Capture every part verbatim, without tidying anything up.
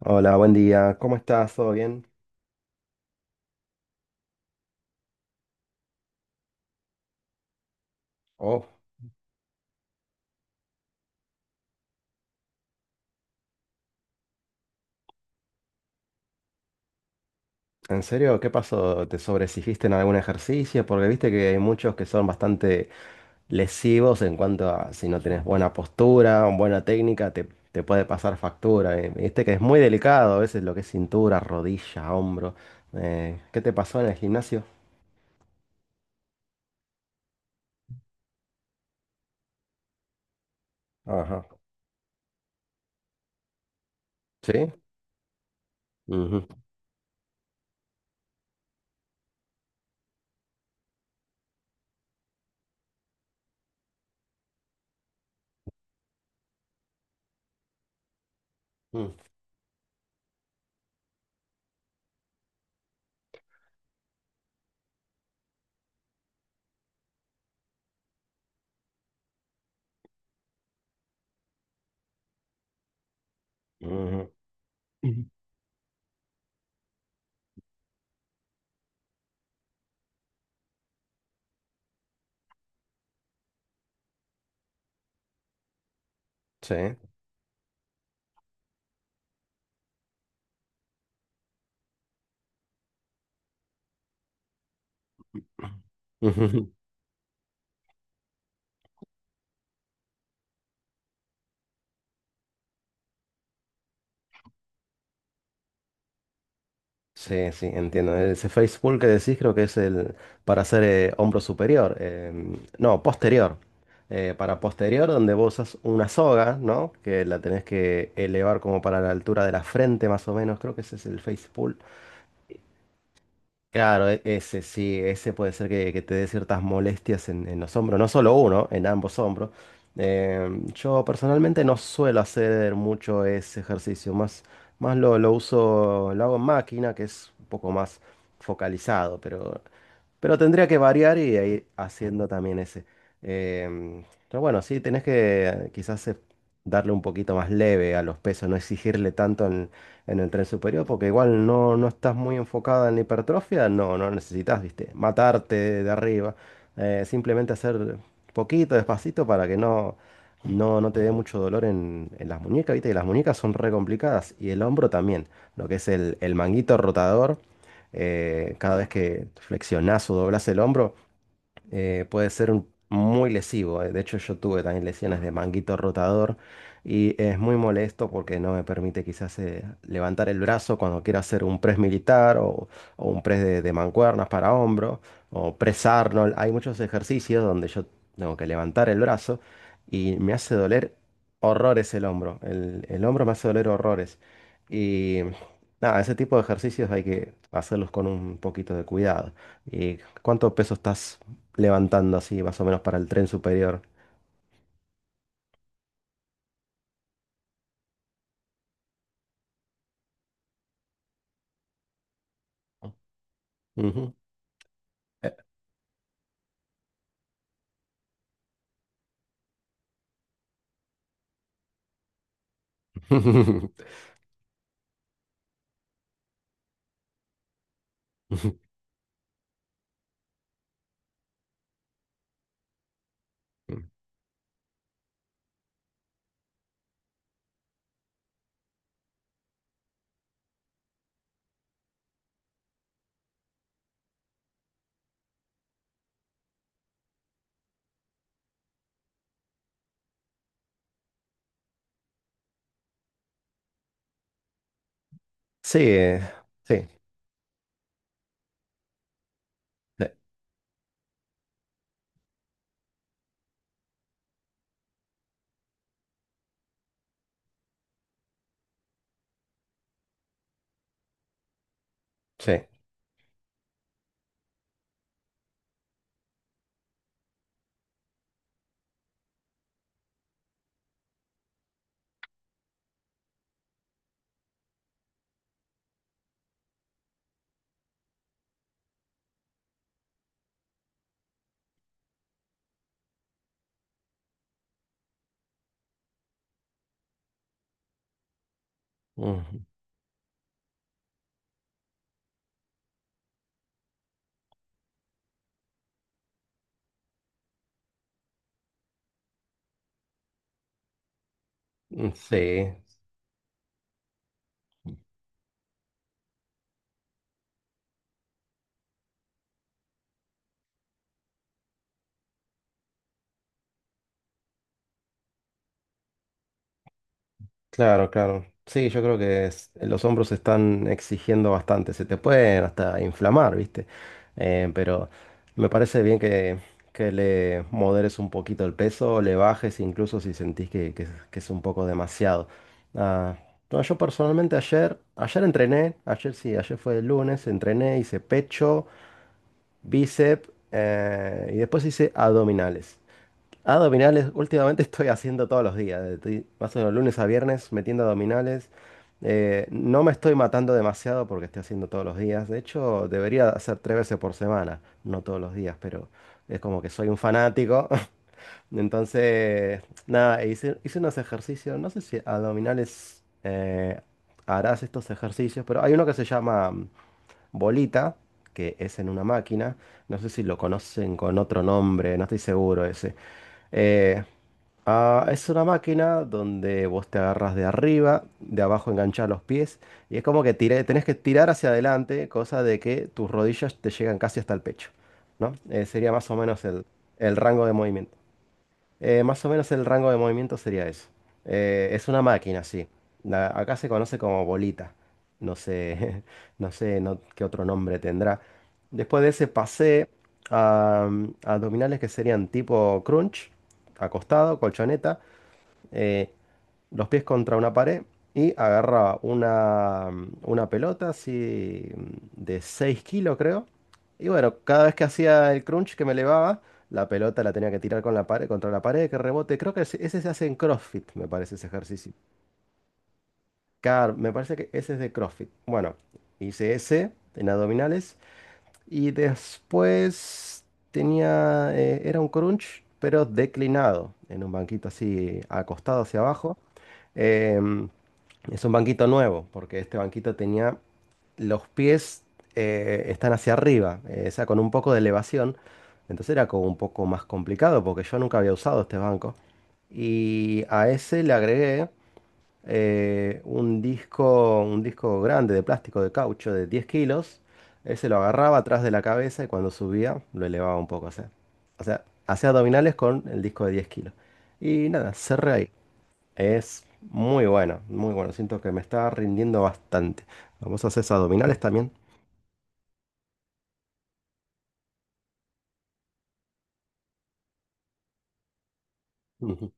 Hola, buen día. ¿Cómo estás? ¿Todo bien? Oh, ¿en serio? ¿Qué pasó? ¿Te sobreexigiste en algún ejercicio? Porque viste que hay muchos que son bastante lesivos en cuanto a si no tenés buena postura, buena técnica, te, te puede pasar factura. eh. Viste que es muy delicado a veces lo que es cintura, rodilla, hombro. Eh, ¿qué te pasó en el gimnasio? Ajá. ¿Sí? Ujú. Mm, ujú. Sí. Sí, sí, entiendo. Ese face pull que decís creo que es el para hacer eh, hombro superior. Em, no, posterior. Eh, para posterior, donde vos usas una soga, ¿no? Que la tenés que elevar como para la altura de la frente, más o menos. Creo que ese es el face pull. Claro, e- ese sí, ese puede ser que, que te dé ciertas molestias en, en los hombros, no solo uno, en ambos hombros. Eh, yo personalmente no suelo hacer mucho ese ejercicio, más, más lo, lo uso, lo hago en máquina, que es un poco más focalizado, pero, pero tendría que variar y ir haciendo también ese. Em, pero bueno, sí, tenés que eh, quizás eh, darle un poquito más leve a los pesos, no exigirle tanto en el tren superior, porque igual no, no estás muy enfocada en la hipertrofia, no, no necesitas, viste, matarte de arriba, eh, simplemente hacer poquito, despacito, para que no, no, no te dé mucho dolor en, en las muñecas, viste, y las muñecas son re complicadas, y el hombro también, lo que es el, el manguito rotador, eh, cada vez que flexionás o doblás el hombro, eh, puede ser un- muy lesivo. eh. De hecho, yo tuve también lesiones de manguito rotador y es muy molesto porque no me permite quizás eh, levantar el brazo cuando quiero hacer un press militar o, o un press de, de mancuernas para hombro o press Arnold. Hay muchos ejercicios donde yo tengo que levantar el brazo y me hace doler horrores el hombro. El, el hombro me hace doler horrores. Y nada, ese tipo de ejercicios hay que hacerlos con un poquito de cuidado. ¿Y cuánto peso estás levantando así, más o menos, para el tren superior? Ujú. Sí, eh, sí, sí, sí. Ujú. Sí. Claro, claro. Sí, yo creo que es- los hombros se están exigiendo bastante. Se te pueden hasta inflamar, ¿viste? Eh, pero me parece bien que, que le moderes un poquito el peso, le bajes incluso si sentís que, que- es que es un poco demasiado. Ah, no, yo personalmente ayer, ayer entrené, ayer sí, ayer fue el lunes, entrené, hice pecho, bíceps eh, y después hice abdominales abdominales, últimamente estoy haciendo todos los días. Estoy más o menos lunes a viernes metiendo abdominales. Eh, no me estoy matando demasiado porque estoy haciendo todos los días. De hecho, debería hacer tres veces por semana, no todos los días, pero es como que soy un fanático. Entonces, nada, hice, hice unos ejercicios, no sé si abdominales eh, harás estos ejercicios, pero hay uno que se llama mm, bolita, que es en una máquina. No sé si lo conocen con otro nombre, no estoy seguro ese. Eh, ah, es una máquina donde vos te agarras de arriba, de abajo enganchás los pies y es como que tiré- tenés que tirar hacia adelante, cosa de que tus rodillas te llegan casi hasta el pecho, ¿no? Eh, sería más o menos el, el rango de movimiento. Eh, más o menos el rango de movimiento sería eso. Eh, es una máquina, sí. La- acá se conoce como bolita. No sé, no sé no- qué otro nombre tendrá. Después de ese pasé a, mm, a abdominales que serían tipo crunch, acostado, colchoneta. Eh, los pies contra una pared y agarraba una, una pelota así de seis kilos, creo. Y bueno, cada vez que hacía el crunch que me elevaba, la pelota la tenía que tirar con la pared, contra la pared, que rebote. Creo que ese, ese se hace en CrossFit, me parece ese ejercicio. Car, me parece que ese es de CrossFit. Bueno, hice ese en abdominales y después tenía, eh, era un crunch, pero declinado, en un banquito así acostado hacia abajo. Em, es un banquito nuevo, porque este banquito tenía los pies eh, están hacia arriba, eh, o sea, con un poco de elevación. Entonces era como un poco más complicado, porque yo nunca había usado este banco. Y a ese le agregué eh, un disco, un disco grande de plástico de caucho de diez kilos. Él se lo agarraba atrás de la cabeza y cuando subía lo elevaba un poco. O sea, o sea, hacía abdominales con el disco de diez kilos. Y nada, cerré ahí. Es muy bueno, muy bueno. Siento que me está rindiendo bastante. Vamos a hacer abdominales también. Ujú.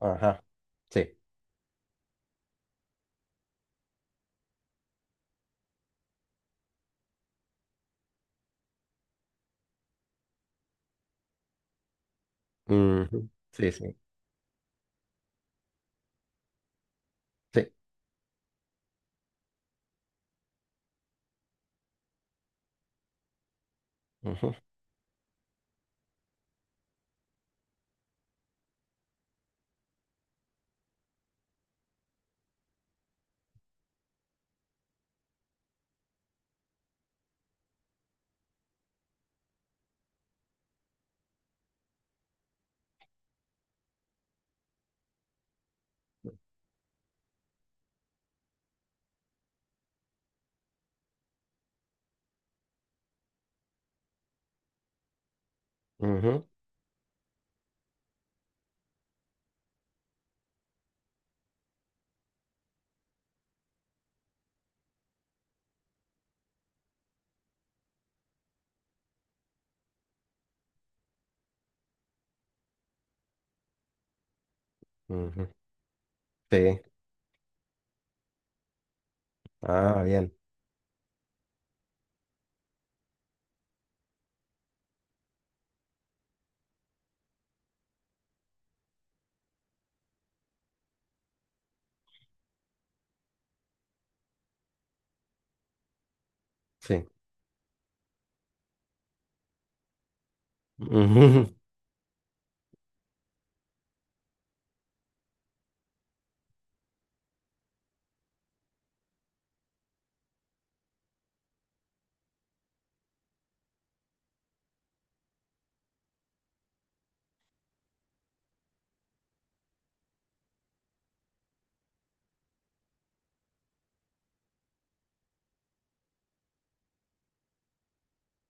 Ajá. Sí. Ujú. Sí, sí. Sí. Ujú. Ujú. Ujú. Sí. Ah, bien. Sí. Ujú.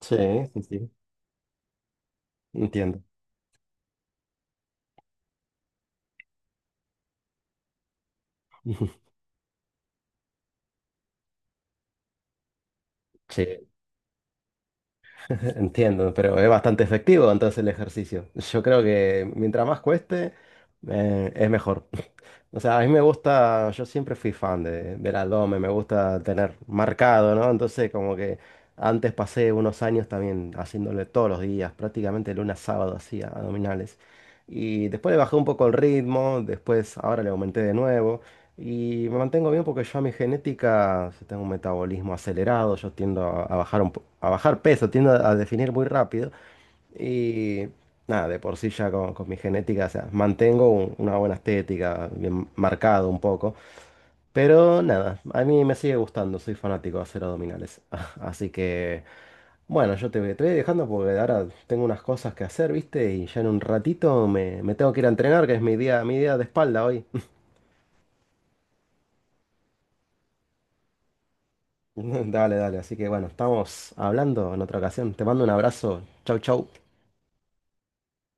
Sí, sí, sí. Entiendo. Sí, entiendo, pero es bastante efectivo entonces el ejercicio. Yo creo que mientras más cueste, eh, es mejor. O sea, a mí me gusta, yo siempre fui fan de, del abdomen, me gusta tener marcado, ¿no? Entonces como que antes pasé unos años también haciéndole todos los días, prácticamente lunes a sábado hacía abdominales. Y después le bajé un poco el ritmo, después ahora le aumenté de nuevo. Y me mantengo bien porque yo a mi genética yo tengo un metabolismo acelerado, yo tiendo a, a bajar un po- a bajar peso, tiendo a, a definir muy rápido. Y nada, de por sí ya con, con mi genética, o sea, mantengo un- una buena estética, bien marcado un poco. Pero nada, a mí me sigue gustando, soy fanático de hacer abdominales. Así que, bueno, yo te, voy- te voy dejando porque ahora tengo unas cosas que hacer, ¿viste? Y ya en un ratito me, me tengo que ir a entrenar, que es mi día, mi día de espalda hoy. Dale, dale. Así que bueno, estamos hablando en otra ocasión. Te mando un abrazo. Chau, chau.